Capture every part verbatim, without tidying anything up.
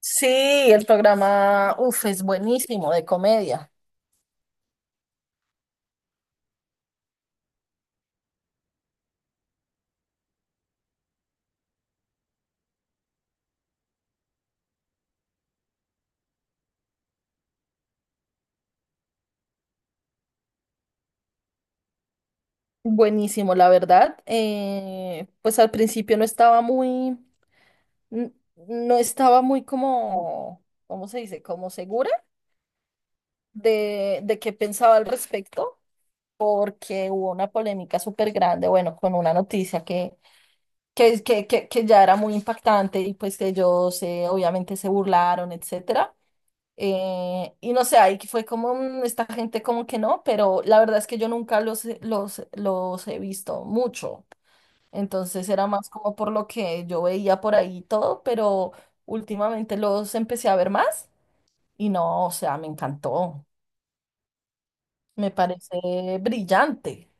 Sí, el programa, uf, es buenísimo, de comedia. Buenísimo, la verdad. Eh, pues al principio no estaba muy, n- no estaba muy como, ¿cómo se dice? Como segura de, de qué pensaba al respecto, porque hubo una polémica súper grande, bueno, con una noticia que, que, que, que, que ya era muy impactante y pues que ellos eh, obviamente se burlaron, etcétera. Eh, y no sé, ahí fue como "Mm, esta gente como que no", pero la verdad es que yo nunca los, he- los, los he visto mucho. Entonces era más como por lo que yo veía por ahí y todo, pero últimamente los empecé a ver más y no, o sea, me encantó. Me parece brillante.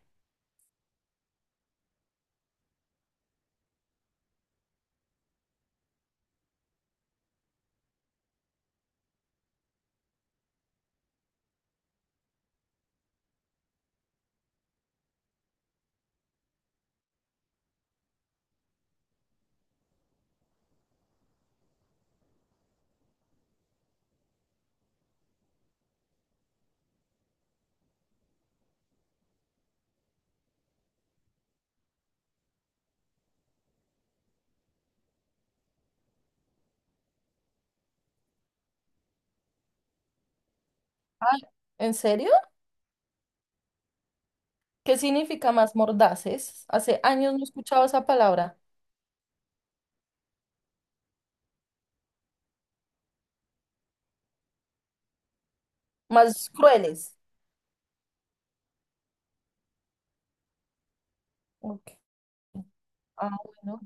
Ay, ¿en serio? ¿Qué significa más mordaces? Hace años no escuchaba esa palabra. Más crueles. Ok. Ah, bueno.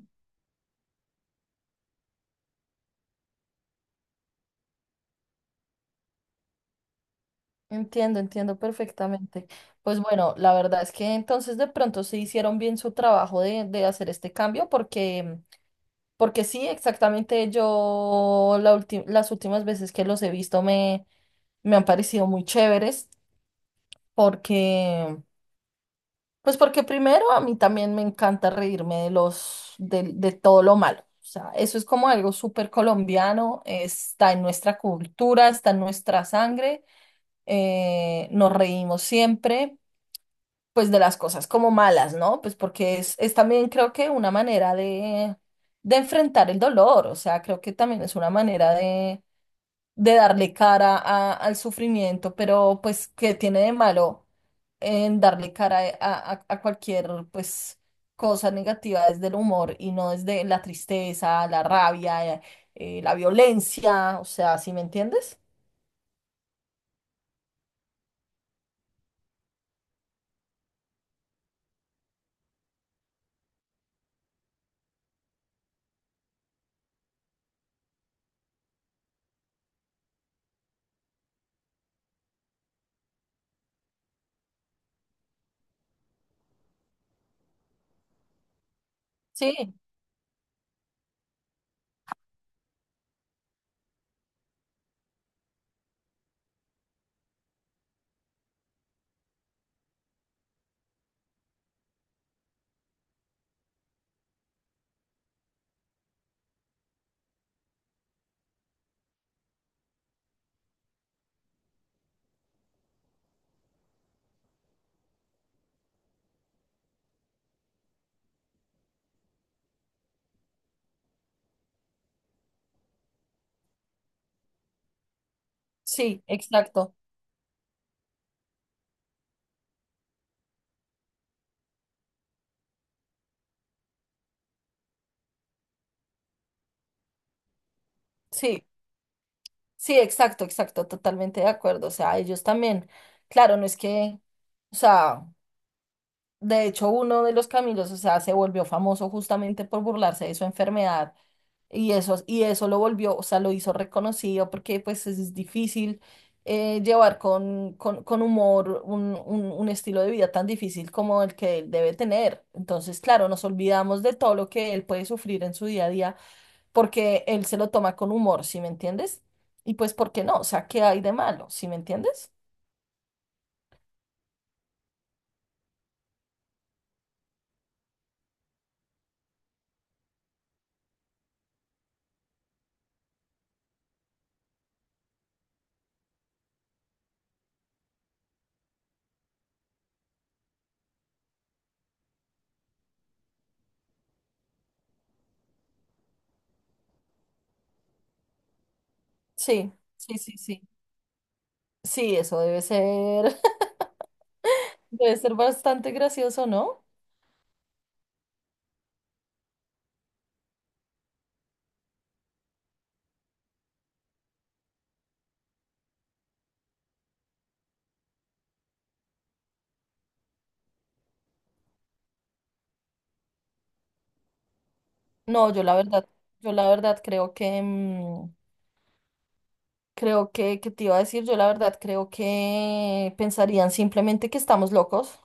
Entiendo, entiendo perfectamente. Pues bueno, la verdad es que entonces de pronto se hicieron bien su trabajo de, de hacer este cambio porque, porque sí, exactamente yo la ulti- las últimas veces que los he visto me, me han parecido muy chéveres porque, pues porque primero a mí también me encanta reírme de los, de, de todo lo malo. O sea, eso es como algo súper colombiano, está en nuestra cultura, está en nuestra sangre, eh, nos reímos siempre pues de las cosas como malas, ¿no? Pues porque es, es también creo que una manera de, de enfrentar el dolor, o sea, creo que también es una manera de, de darle cara a- al sufrimiento, pero pues ¿qué tiene de malo en darle cara a, a- a cualquier pues cosa negativa desde el humor y no desde la tristeza, la rabia, eh, la violencia, o sea, ¿sí me entiendes? Sí, sí, exacto. Sí. Sí, exacto, exacto, totalmente de acuerdo. O sea, ellos también, claro, no es que, o sea, de hecho uno de los Camilos, o sea, se volvió famoso justamente por burlarse de su enfermedad y eso, y eso lo volvió, o sea, lo hizo reconocido porque pues es es difícil eh, llevar con, con, con humor un, un, un estilo de vida tan difícil como el que él debe tener. Entonces, claro, nos olvidamos de todo lo que él puede sufrir en su día a día porque él se lo toma con humor, ¿sí me entiendes? Y pues, ¿por qué no? O sea, ¿qué hay de malo? ¿Sí me entiendes? Sí, sí, sí, sí. Sí, eso debe ser, debe ser bastante gracioso, ¿no? No, yo la verdad, yo la verdad creo que, mm, creo que, ¿qué te iba a decir? Yo la verdad creo que pensarían simplemente que estamos locos.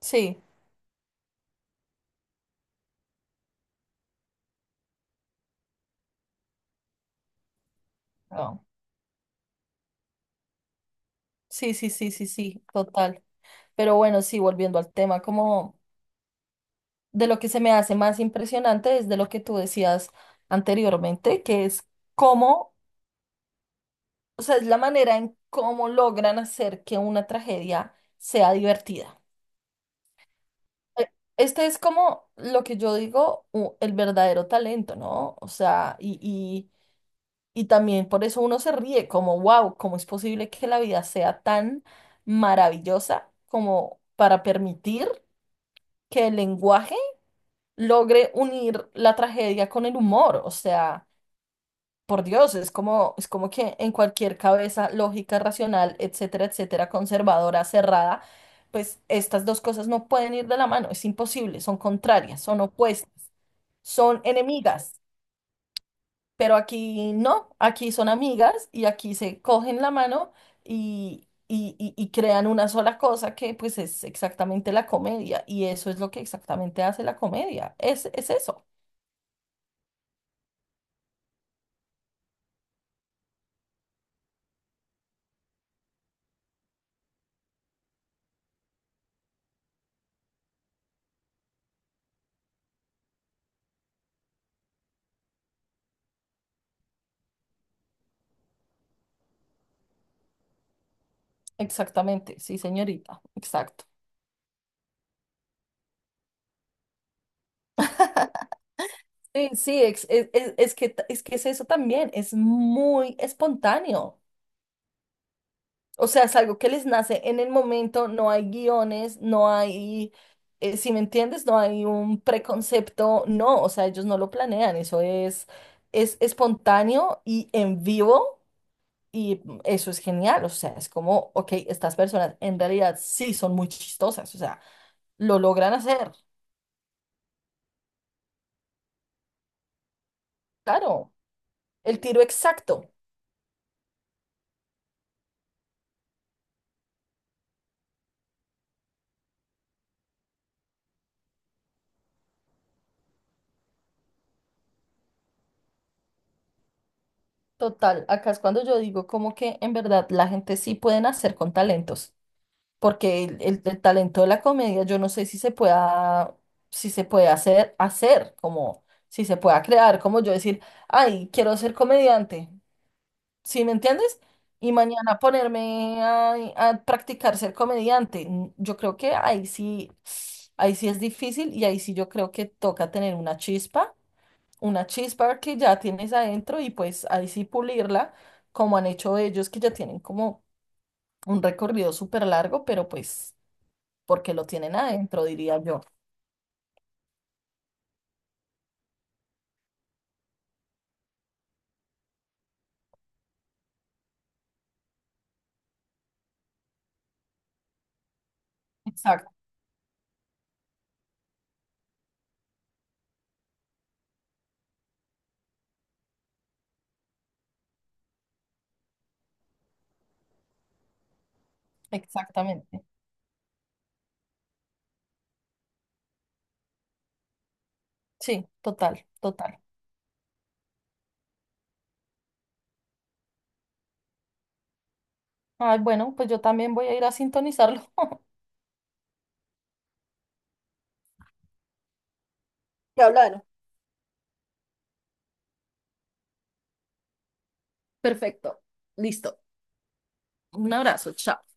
Sí, no. Sí, sí, sí, sí, sí, total. Pero bueno, sí, volviendo al tema, como... de lo que se me hace más impresionante es de lo que tú decías anteriormente, que es cómo, o sea, es la manera en cómo logran hacer que una tragedia sea divertida. Eh, Este es como lo que yo digo, u- el verdadero talento, ¿no? O sea, y, y, y también por eso uno se ríe, como, wow, ¿cómo es posible que la vida sea tan maravillosa como para permitir que el lenguaje logre unir la tragedia con el humor? O sea... por Dios, es como, es como que en cualquier cabeza lógica, racional, etcétera, etcétera, conservadora, cerrada, pues estas dos cosas no pueden ir de la mano, es imposible, son contrarias, son opuestas, son enemigas, pero aquí no, aquí son amigas y aquí se cogen la mano y, y, y- y crean una sola cosa que pues es exactamente la comedia y eso es lo que exactamente hace la comedia, es, es eso, exactamente, sí señorita, exacto. Sí, sí, ex- es, es- es que, t- es que es eso también, es muy espontáneo. O sea, es algo que les nace en el momento, no hay guiones, no hay, eh, si me entiendes, no hay un preconcepto, no, o sea, ellos no lo planean, eso es, es espontáneo y en vivo y eso es genial, o sea, es como, ok, estas personas en realidad sí son muy chistosas, o sea, lo logran hacer, claro, el tiro exacto. Total, acá es cuando yo digo como que en verdad la gente sí puede nacer con talentos, porque el, el- el talento de la comedia yo no sé si se pueda, si se puede hacer, hacer, como si se pueda crear, como yo decir, ay, quiero ser comediante, ¿sí me entiendes? Y mañana ponerme a, a practicar ser comediante. N- Yo creo que ahí sí, ahí sí es difícil y ahí sí yo creo que toca tener una chispa, una chispa que ya tienes adentro y pues ahí sí pulirla, como han hecho ellos que ya tienen como un recorrido súper largo, pero pues porque lo tienen adentro, diría yo. Exacto, exactamente. Sí, total, total. Ay, bueno, pues yo también voy a ir a sintonizarlo. Ya hablaron. Perfecto. Listo. Un abrazo, chao.